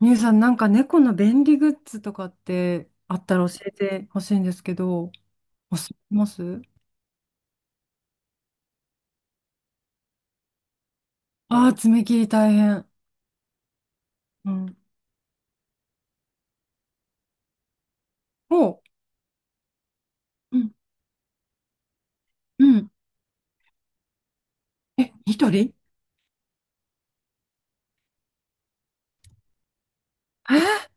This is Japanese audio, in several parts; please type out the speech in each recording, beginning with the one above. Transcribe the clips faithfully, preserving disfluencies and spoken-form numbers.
みゆさん、なんか猫の便利グッズとかってあったら教えてほしいんですけど、おすすめします。ああー、爪切り大変。うん。おう。うん。うん。え、ニトリ？えー、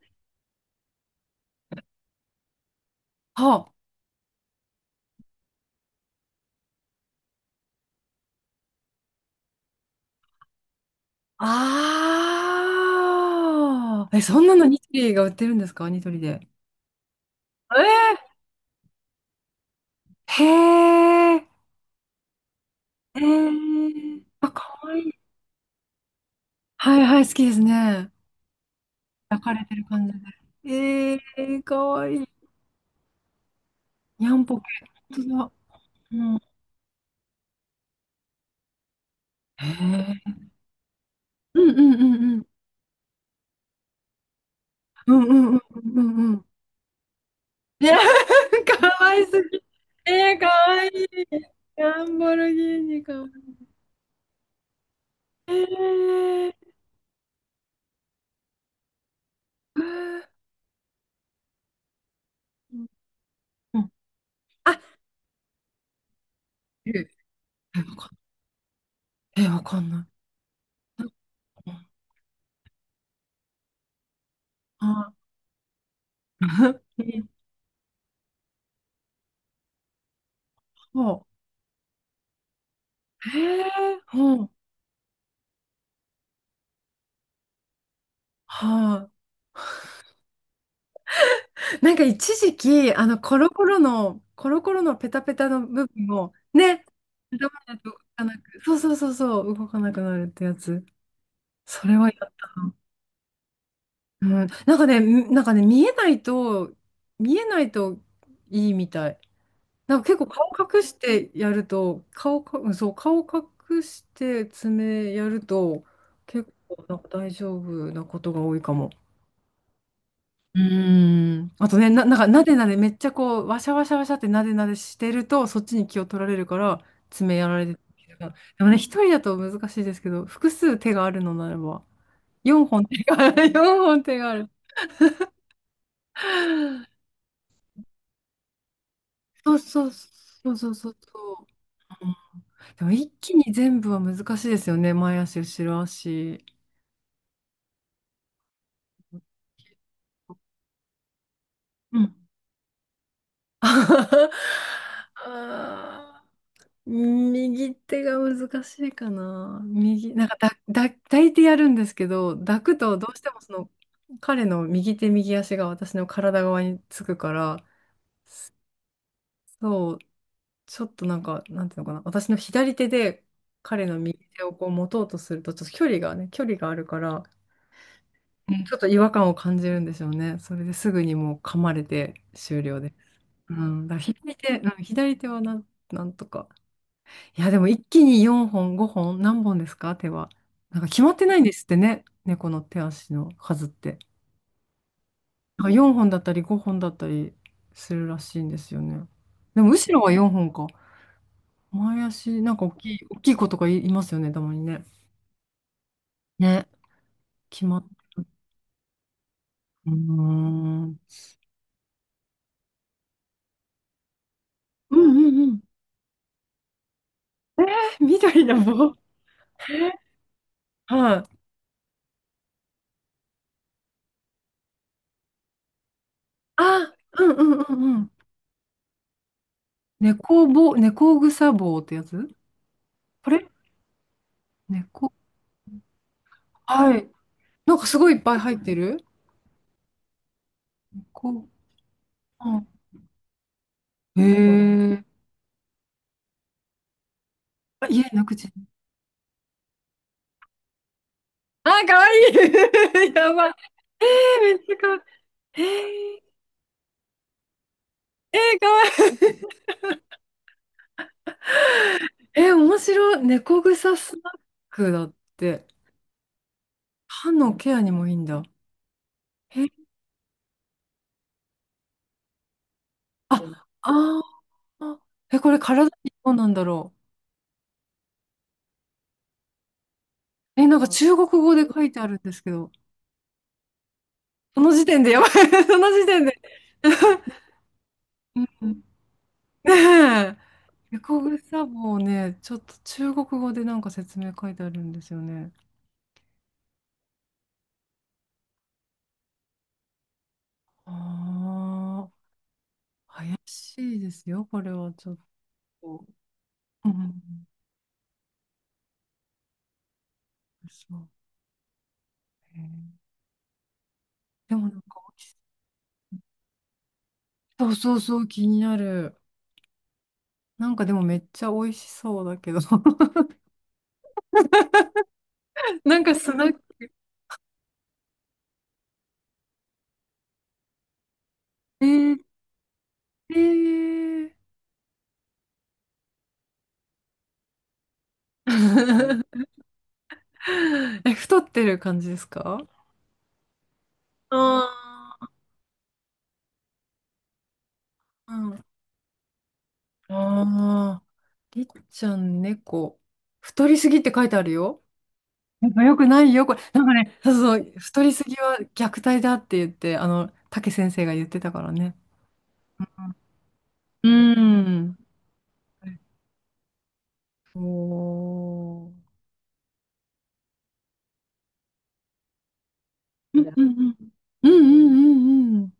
はあ。ああ。え、そんなのニトリが売ってるんですかニトリで？えー、へえ。へえー。あ、かわいい。はいはい、好きですね。抱かれてる感じで。えー、かわいい。にゃんぽけ。本当だ。うん。へ、うんうんうんうん。うんうんうんうんうん。いや、かわいすぎ。えー、かわいい。ランボルギーニかわいい。えー、うんうん、あ、え、わかんえわかんない。なんかあ、そう。えー、ほうん。はい。なんか一時期、あの、コロコロの、コロコロのペタペタの部分を、ね、頭だと動かなく、そうそうそうそう、動かなくなるってやつ。それはやった。うん、なんかね、みなんかね、見えないと、見えないといいみたい。なんか結構顔隠してやると、顔か、うんそう、顔隠して爪やると、結構なんか大丈夫なことが多いかも。うーん。あとね、な、なんかなでなでめっちゃこう、わしゃわしゃわしゃってなでなでしてると、そっちに気を取られるから、爪やられてるから。でもね、一人だと難しいですけど、複数手があるのならば、よんほん手がある、よんほん手がある。そうそうそうそうそうそう。でも一気に全部は難しいですよね。前足、後ろ足。うん。あー右手が難しいかな。右、なんかだ、だ、抱いてやるんですけど、抱くとどうしてもその彼の右手右足が私の体側につくから、そう、ちょっとなんか、なんていうのかな、私の左手で彼の右手をこう持とうとすると、ちょっと距離がね、距離があるから、うん、ちょっと違和感を感じるんでしょうね。それですぐにもう噛まれて終了です。うん、だから左手、うん、左手はなん、なんとか。いや、でも一気によんほん、ごほん、何本ですか手は。なんか決まってないんですってね、猫の手足の数って。なんかよんほんだったりごほんだったりするらしいんですよね。でも後ろはよんほんか。前足、なんか大きい、大きい子とかい、いますよね、たまにね。ね、決まっ、うーん。うんうんうん。えー、緑の棒。はい。あ、うんうんうんうん。猫ぼ、猫草棒ってやつ、これ猫。はい。なんかすごいいっぱい入ってる。こう。うん。へえ。あ、家なくち。あ、かわいい。やばい。えー、めっちゃかわいい。えー、えー、かわいい。えー、面白い。猫草スナックだって。歯のケアにもいいんだ。えー、あ、あー。え、これ体にどうなんだろう。え、なんか中国語で書いてあるんですけど。その時点でやばい。その時点で。うん、ねえ。エコグサボをね、ちょっと中国語でなんか説明書いてあるんですよね。ああ、怪しいですよ、これはちょっと。うん、そうね。でもなんかし、そうそうそう、気になる。なんかでもめっちゃ美味しそうだけど。なんかスナック。えー、えー え、太ってる感じですか？ああー、うん。ああ、りっちゃん猫。太りすぎって書いてあるよ。やっぱよくないよ、これ。なんかね、そうそう、太りすぎは虐待だって言って、あの、竹先生が言ってたからね。うん。おー。うんうんうんうんうんうんうん。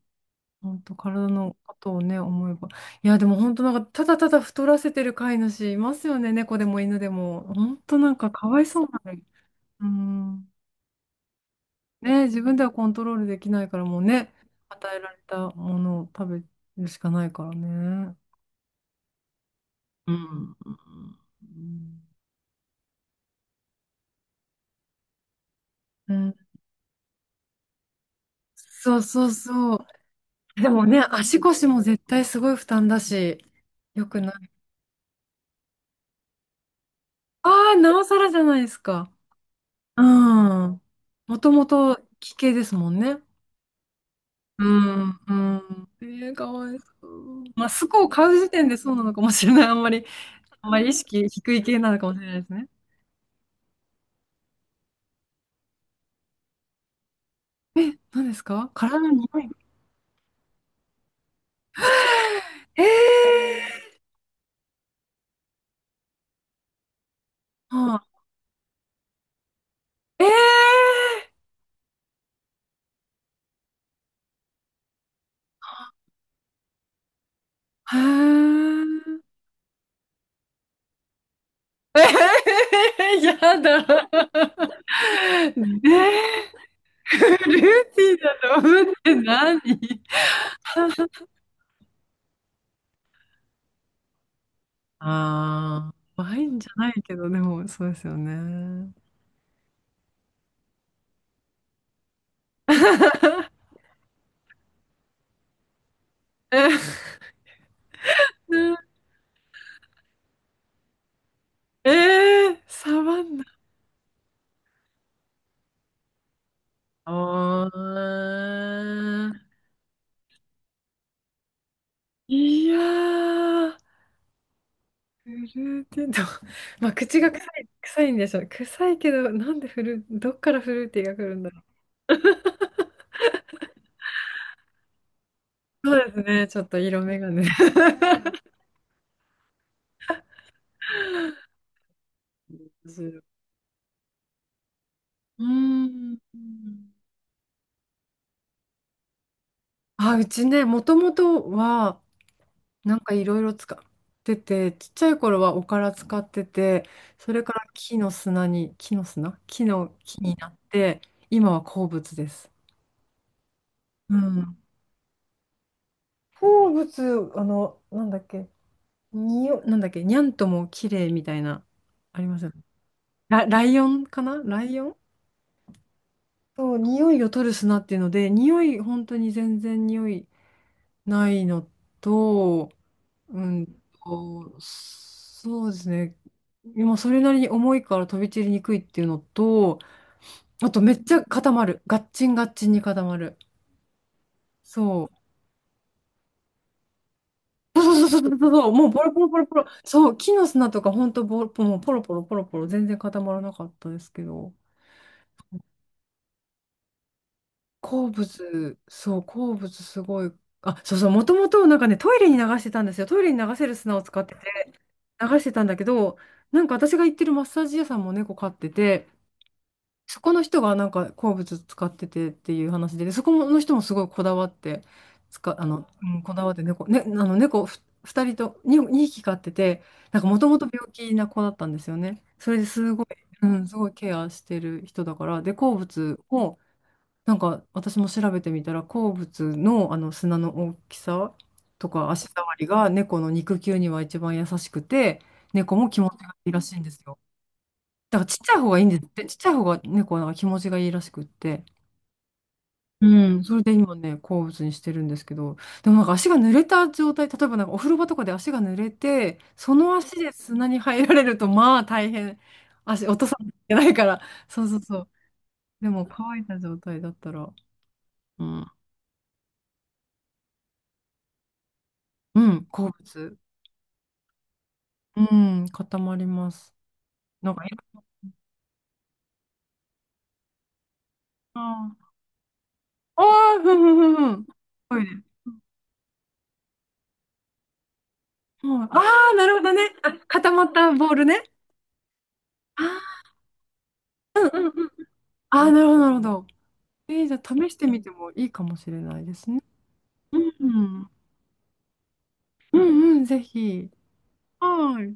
本当、体のことをね、思えば。いや、でも本当なんか、ただただ太らせてる飼い主いますよね、猫でも犬でも。本当なんか、かわいそうなのに。うん。ね、自分ではコントロールできないからもうね、与えられたものを食べるしかないからね。うん。うん、そうそうそう。でもね、足腰も絶対すごい負担だし、よくない。ああ、なおさらじゃないですか。うん。もともと奇形ですもんね。うん、うん。えー、かわいそう。まあ、スコを買う時点でそうなのかもしれない。あんまり、あんまり意識低い系なのかもしれないですね。何ですか体の匂い？えー、はあ、えー、はー。えー、やだ。えー、ルーティンだと思って何。あ あー、ワインじゃないけど、でも、そうですよね。えー、えー、サバンナ。あーいやー。フルーティーと、まあ、口が臭い、臭いんでしょう。臭いけど、なんでフル、どっからフルーティーが来るんだろう。そうですね、ちょっと色眼鏡で、うーん。あ、うちね、もともとは、なんかいろいろ使ってて、ちっちゃい頃はおから使ってて、それから木の砂に、木の砂、木の木になって、今は鉱物です。うん。鉱物、あの、なんだっけ、にお、なんだっけ、にゃんとも綺麗みたいな、ありますよね。ラ、ライオンかな、ライオン。そう、匂いを取る砂っていうので、匂い、本当に全然匂いないのと、うんと、そうですね。今、それなりに重いから飛び散りにくいっていうのと、あと、めっちゃ固まる。ガッチンガッチンに固まる。そう。そうそうそうそうそうそう、もうポロポロポロポロ。そう、木の砂とか、本当ボロ、もうポロポロポロポロ、全然固まらなかったですけど。鉱物、そう、鉱物すごい。あ、そうそう、もともとなんかね、トイレに流してたんですよ。トイレに流せる砂を使ってて、流してたんだけど、なんか私が行ってるマッサージ屋さんも猫飼ってて、そこの人がなんか鉱物使っててっていう話で、でそこの人もすごいこだわって、使あの、うん、こだわって猫、ね、あの猫ふふたりとに、に匹飼ってて、なんかもともと病気な子だったんですよね。それですごい、うん、すごいケアしてる人だから、で、鉱物を、なんか私も調べてみたら鉱物の、あの砂の大きさとか足触りが猫の肉球には一番優しくて、猫も気持ちがいいらしいんですよ。だからちっちゃい方がいいんですって、ちっちゃい方が猫はなんか気持ちがいいらしくって。うん、それで今ね、好物にしてるんですけど、でもなんか足が濡れた状態、例えばなんかお風呂場とかで足が濡れて、その足で砂に入られると、まあ大変、足落とさないといけないから、そうそうそう。でも乾いた状態だったら、うん、うん、好物。うん、固まります。なんか、いろんな、ああ、ふんふんふんふん。トイレ。もう、ああ、なるほどね。あ、固まったボールね。あー、うんうん、ああ、なるほど、なるほど。えー、じゃあ試してみてもいいかもしれないですね。うん。うんうん、ぜひ。はい。